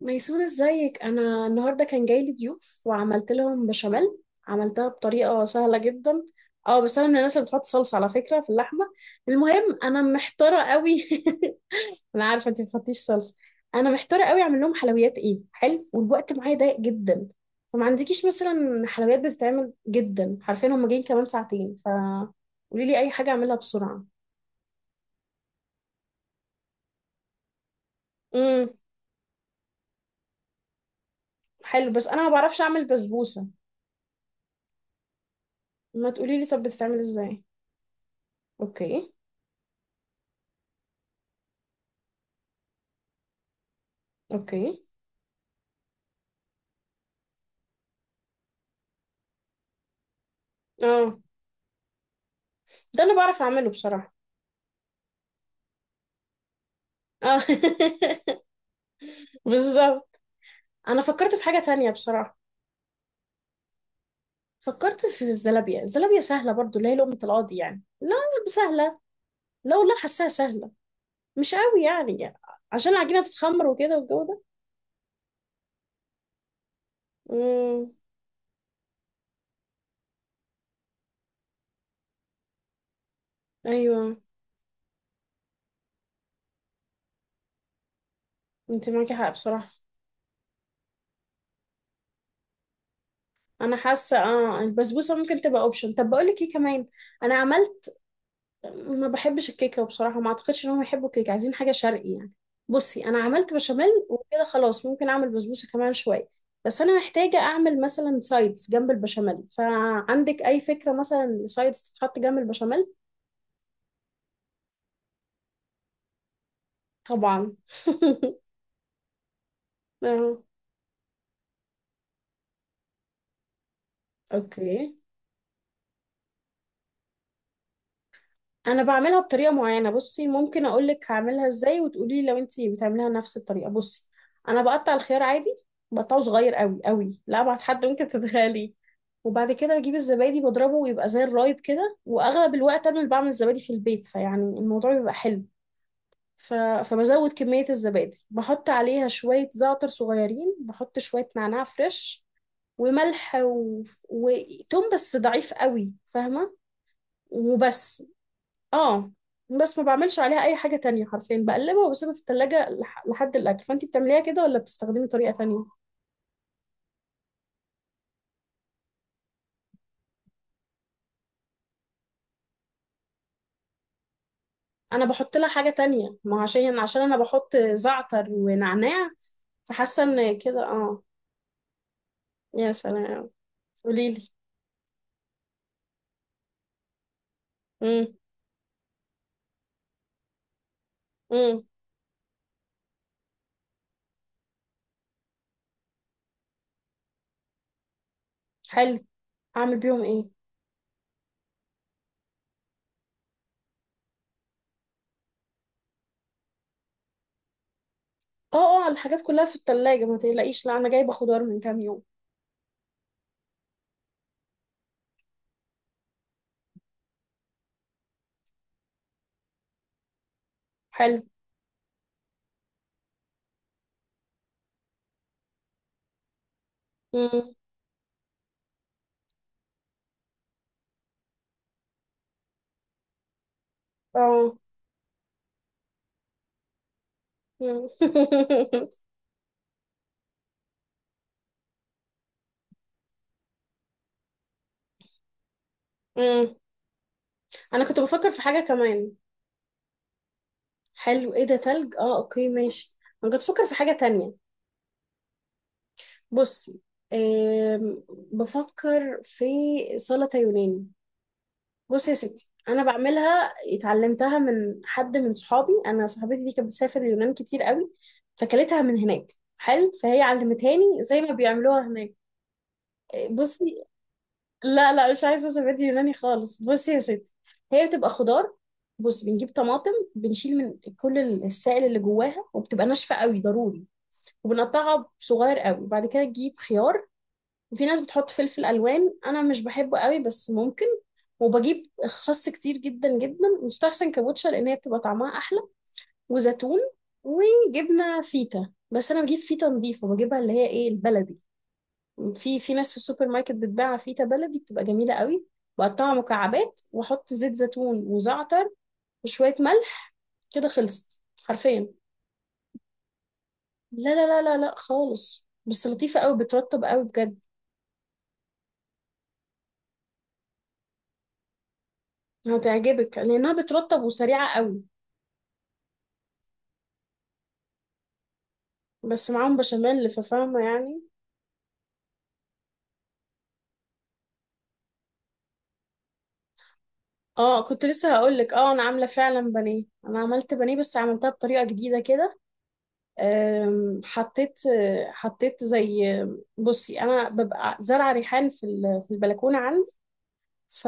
ميسون ازيك. انا النهارده كان جاي لي ضيوف وعملت لهم بشاميل. عملتها بطريقه سهله جدا. اه، بس انا من الناس اللي بتحط صلصه على فكره في اللحمه. المهم انا محتاره قوي. انا عارفه انت ما بتحطيش صلصه. انا محتاره قوي اعمل لهم حلويات ايه، حلو، والوقت معايا ضيق جدا. فما عندكيش مثلا حلويات بتتعمل جدا؟ عارفين هم جايين كمان ساعتين. ف قولي لي اي حاجه اعملها بسرعه. امم حلو، بس انا ما بعرفش اعمل بسبوسه. ما تقولي لي طب بتتعمل ازاي؟ اوكي. اوكي. اه، ده انا بعرف اعمله بصراحة. اه بالظبط. انا فكرت في حاجة تانية بصراحة. فكرت في الزلابية، الزلابية سهلة برضو اللي هي لقمة القاضي، يعني لا سهلة. لو لا، حاساها سهلة مش قوي يعني، عشان العجينة تتخمر وكده والجو ده. امم ايوه، انت معاكي حق بصراحة. انا حاسة اه البسبوسة ممكن تبقى اوبشن. طب بقول لك ايه كمان، انا عملت، ما بحبش الكيكه بصراحه، ما اعتقدش ان هم يحبوا الكيكه، عايزين حاجه شرقي يعني. بصي انا عملت بشاميل وكده خلاص، ممكن اعمل بسبوسه كمان شويه، بس انا محتاجه اعمل مثلا سايدز جنب البشاميل. فعندك اي فكره مثلا سايدز تتحط جنب البشاميل؟ طبعا. آه، اوكي. انا بعملها بطريقه معينه، بصي ممكن اقول لك هعملها ازاي وتقولي لي لو انت بتعمليها نفس الطريقه. بصي انا بقطع الخيار عادي، بقطعه صغير قوي قوي، لا ابعد حد ممكن تتخيليه. وبعد كده بجيب الزبادي بضربه ويبقى زي الرايب كده، واغلب الوقت انا اللي بعمل الزبادي في البيت، فيعني الموضوع بيبقى حلو. ف... فبزود كميه الزبادي، بحط عليها شويه زعتر صغيرين، بحط شويه نعناع فريش وملح و... وتوم بس ضعيف قوي، فاهمه؟ وبس. اه، بس ما بعملش عليها اي حاجة تانية حرفيا، بقلبها وبسيبها في التلاجة لحد الاكل. فانتي بتعمليها كده ولا بتستخدمي طريقة تانية؟ انا بحط لها حاجة تانية، ما هو عشان انا بحط زعتر ونعناع، فحاسة ان كده اه. يا سلام، قوليلي. امم امم حلو، اعمل بيهم ايه؟ اه اه، الحاجات كلها في التلاجة ما تقلقيش، لا انا جايبة خضار من كام يوم. حلو. امم اه. مم. مم. انا كنت بفكر في حاجة كمان. حلو، ايه ده، تلج؟ اه اوكي ماشي. انا كنت بفكر في حاجة تانية. بصي، آم، بفكر في سلطة يوناني. بصي يا ستي، انا بعملها اتعلمتها من حد من صحابي. انا صاحبتي دي كانت بتسافر اليونان كتير قوي فكلتها من هناك. حلو، فهي علمتهاني زي ما بيعملوها هناك. بصي لا لا، مش عايزه سبات يوناني خالص. بصي يا ستي، هي بتبقى خضار. بص بنجيب طماطم، بنشيل من كل السائل اللي جواها وبتبقى ناشفه قوي ضروري. وبنقطعها صغير قوي، وبعد كده تجيب خيار. وفي ناس بتحط فلفل الوان، انا مش بحبه قوي بس ممكن. وبجيب خس كتير جدا جدا، مستحسن كابوتشا لان هي بتبقى طعمها احلى. وزيتون، وجبنه فيتا، بس انا بجيب فيتا نظيفه بجيبها اللي هي ايه البلدي. في في ناس في السوبر ماركت بتباع فيتا بلدي بتبقى جميله قوي. بقطعها مكعبات واحط زيت زيتون وزعتر وشويه ملح. كده خلصت حرفيا. لا لا لا لا لا، خالص. بس لطيفه قوي، بترطب قوي بجد. هتعجبك لانها بترطب وسريعه قوي. بس معاهم بشاميل ففاهمه يعني. اه كنت لسه هقول لك، اه انا عامله فعلا بانيه. انا عملت بانيه بس عملتها بطريقه جديده كده. حطيت، حطيت زي، بصي انا ببقى زرعه ريحان في في البلكونه عندي. ف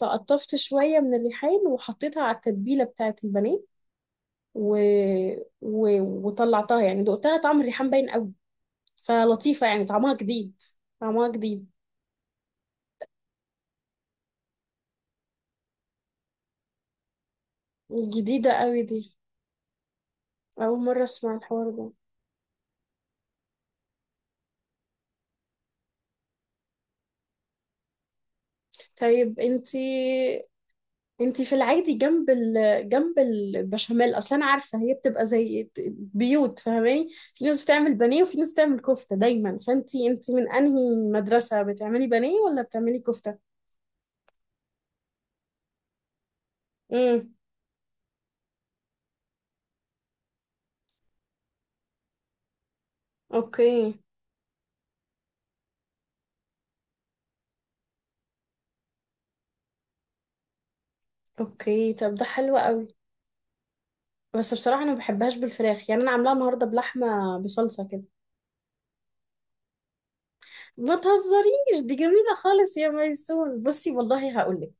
فقطفت شويه من الريحان وحطيتها على التتبيله بتاعه البانيه و... و... وطلعتها يعني دقتها، طعم الريحان باين قوي، فلطيفه يعني طعمها جديد. طعمها جديد جديدة قوي دي. أول مرة أسمع الحوار ده. طيب انتي، انتي في العادي جنب جنب البشاميل أصلا، أنا عارفة هي بتبقى زي بيوت فاهماني، في ناس بتعمل بانيه وفي ناس بتعمل كفتة دايما. فانتي، انتي من أنهي مدرسة، بتعملي بانيه ولا بتعملي كفتة؟ امم اوكي. اوكي طب ده حلو قوي. بس بصراحة أنا ما بحبهاش بالفراخ يعني، أنا عاملاها النهاردة بلحمة بصلصة كده. ما تهزريش، دي جميلة خالص يا ميسون. بصي والله هقولك.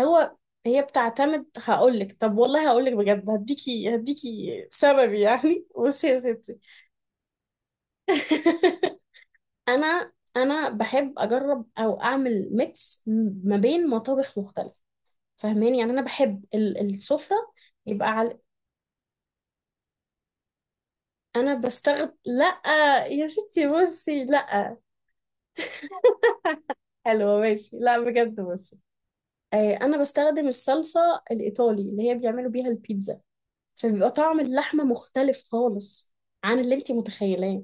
هو هي بتعتمد، هقولك طب، والله هقولك بجد، هديكي هديكي سبب يعني. بصي يا ستي. انا، انا بحب اجرب او اعمل ميكس ما بين مطابخ مختلفه، فاهماني يعني انا بحب السفره. يبقى على، انا بستغل، لا يا ستي بصي، لا. حلوه ماشي، لا بجد بصي، آه، انا بستخدم الصلصه الايطالي اللي هي بيعملوا بيها البيتزا، فبيبقى طعم اللحمة مختلف خالص عن اللي انتي متخيلاه.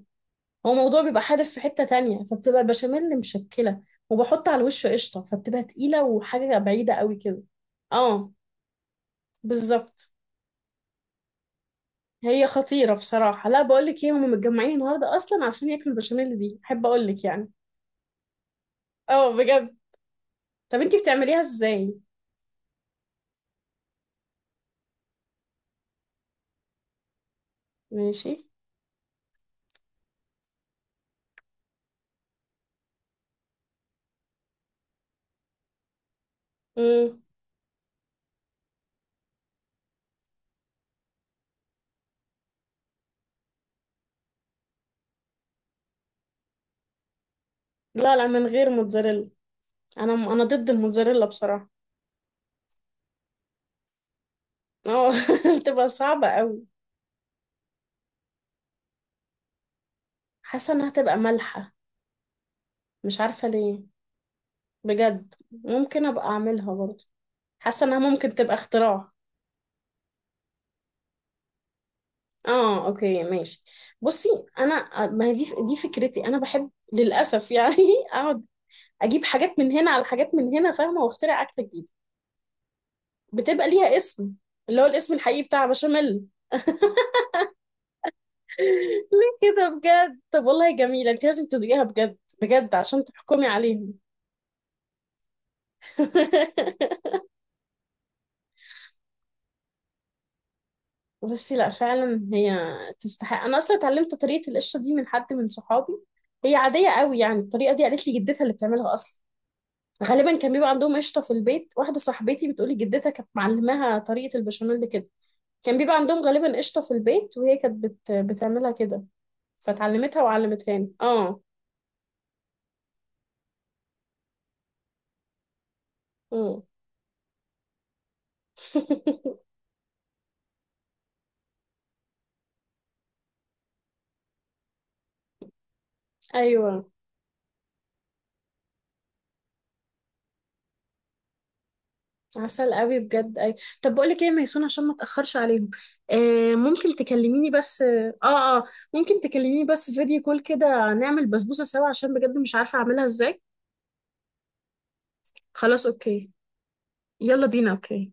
هو الموضوع بيبقى حادف في حتة تانية، فبتبقى البشاميل مشكلة. وبحط على الوش قشطة فبتبقى تقيلة وحاجة بعيدة قوي كده. اه بالظبط. هي خطيرة بصراحة، لا بقولك ايه، هما متجمعين النهاردة اصلا عشان ياكلوا البشاميل دي، احب اقولك يعني. اه بجد. طب انتي بتعمليها ازاي؟ ماشي. مم. لا لا، من غير موتزاريلا. انا، انا ضد الموتزاريلا بصراحة. اه بتبقى صعبة قوي. حاسة انها تبقى مالحة، مش عارفة ليه. بجد ممكن ابقى اعملها برضه. حاسة انها ممكن تبقى اختراع. اه اوكي ماشي. بصي، انا ما هي دي، دي فكرتي، انا بحب للاسف يعني اقعد اجيب حاجات من هنا على حاجات من هنا فاهمة، واخترع اكلة جديدة بتبقى ليها اسم، اللي هو الاسم الحقيقي بتاع بشاميل. ليه كده بجد؟ طب والله جميلة، انت لازم تدوقيها بجد بجد عشان تحكمي عليهم. بصي، لا فعلا هي تستحق. انا اصلا اتعلمت طريقه القشره دي من حد من صحابي. هي عاديه قوي يعني، الطريقه دي قالت لي جدتها اللي بتعملها اصلا. غالبا كان بيبقى عندهم قشطه في البيت، واحده صاحبتي بتقولي جدتها كانت معلماها طريقه البشاميل دي كده. كان بيبقى عندهم غالبا قشطه في البيت، وهي كانت بتعملها كده. فتعلمتها وعلمتها لي اه. أمم. ايوه عسل قوي بجد. اي، طب بقول لك ايه يا ميسون، عشان ما اتاخرش عليهم، آه ممكن تكلميني بس اه، اه ممكن تكلميني بس فيديو كول كده نعمل بسبوسه سوا، عشان بجد مش عارفه اعملها ازاي. خلاص اوكي. يلا بينا اوكي.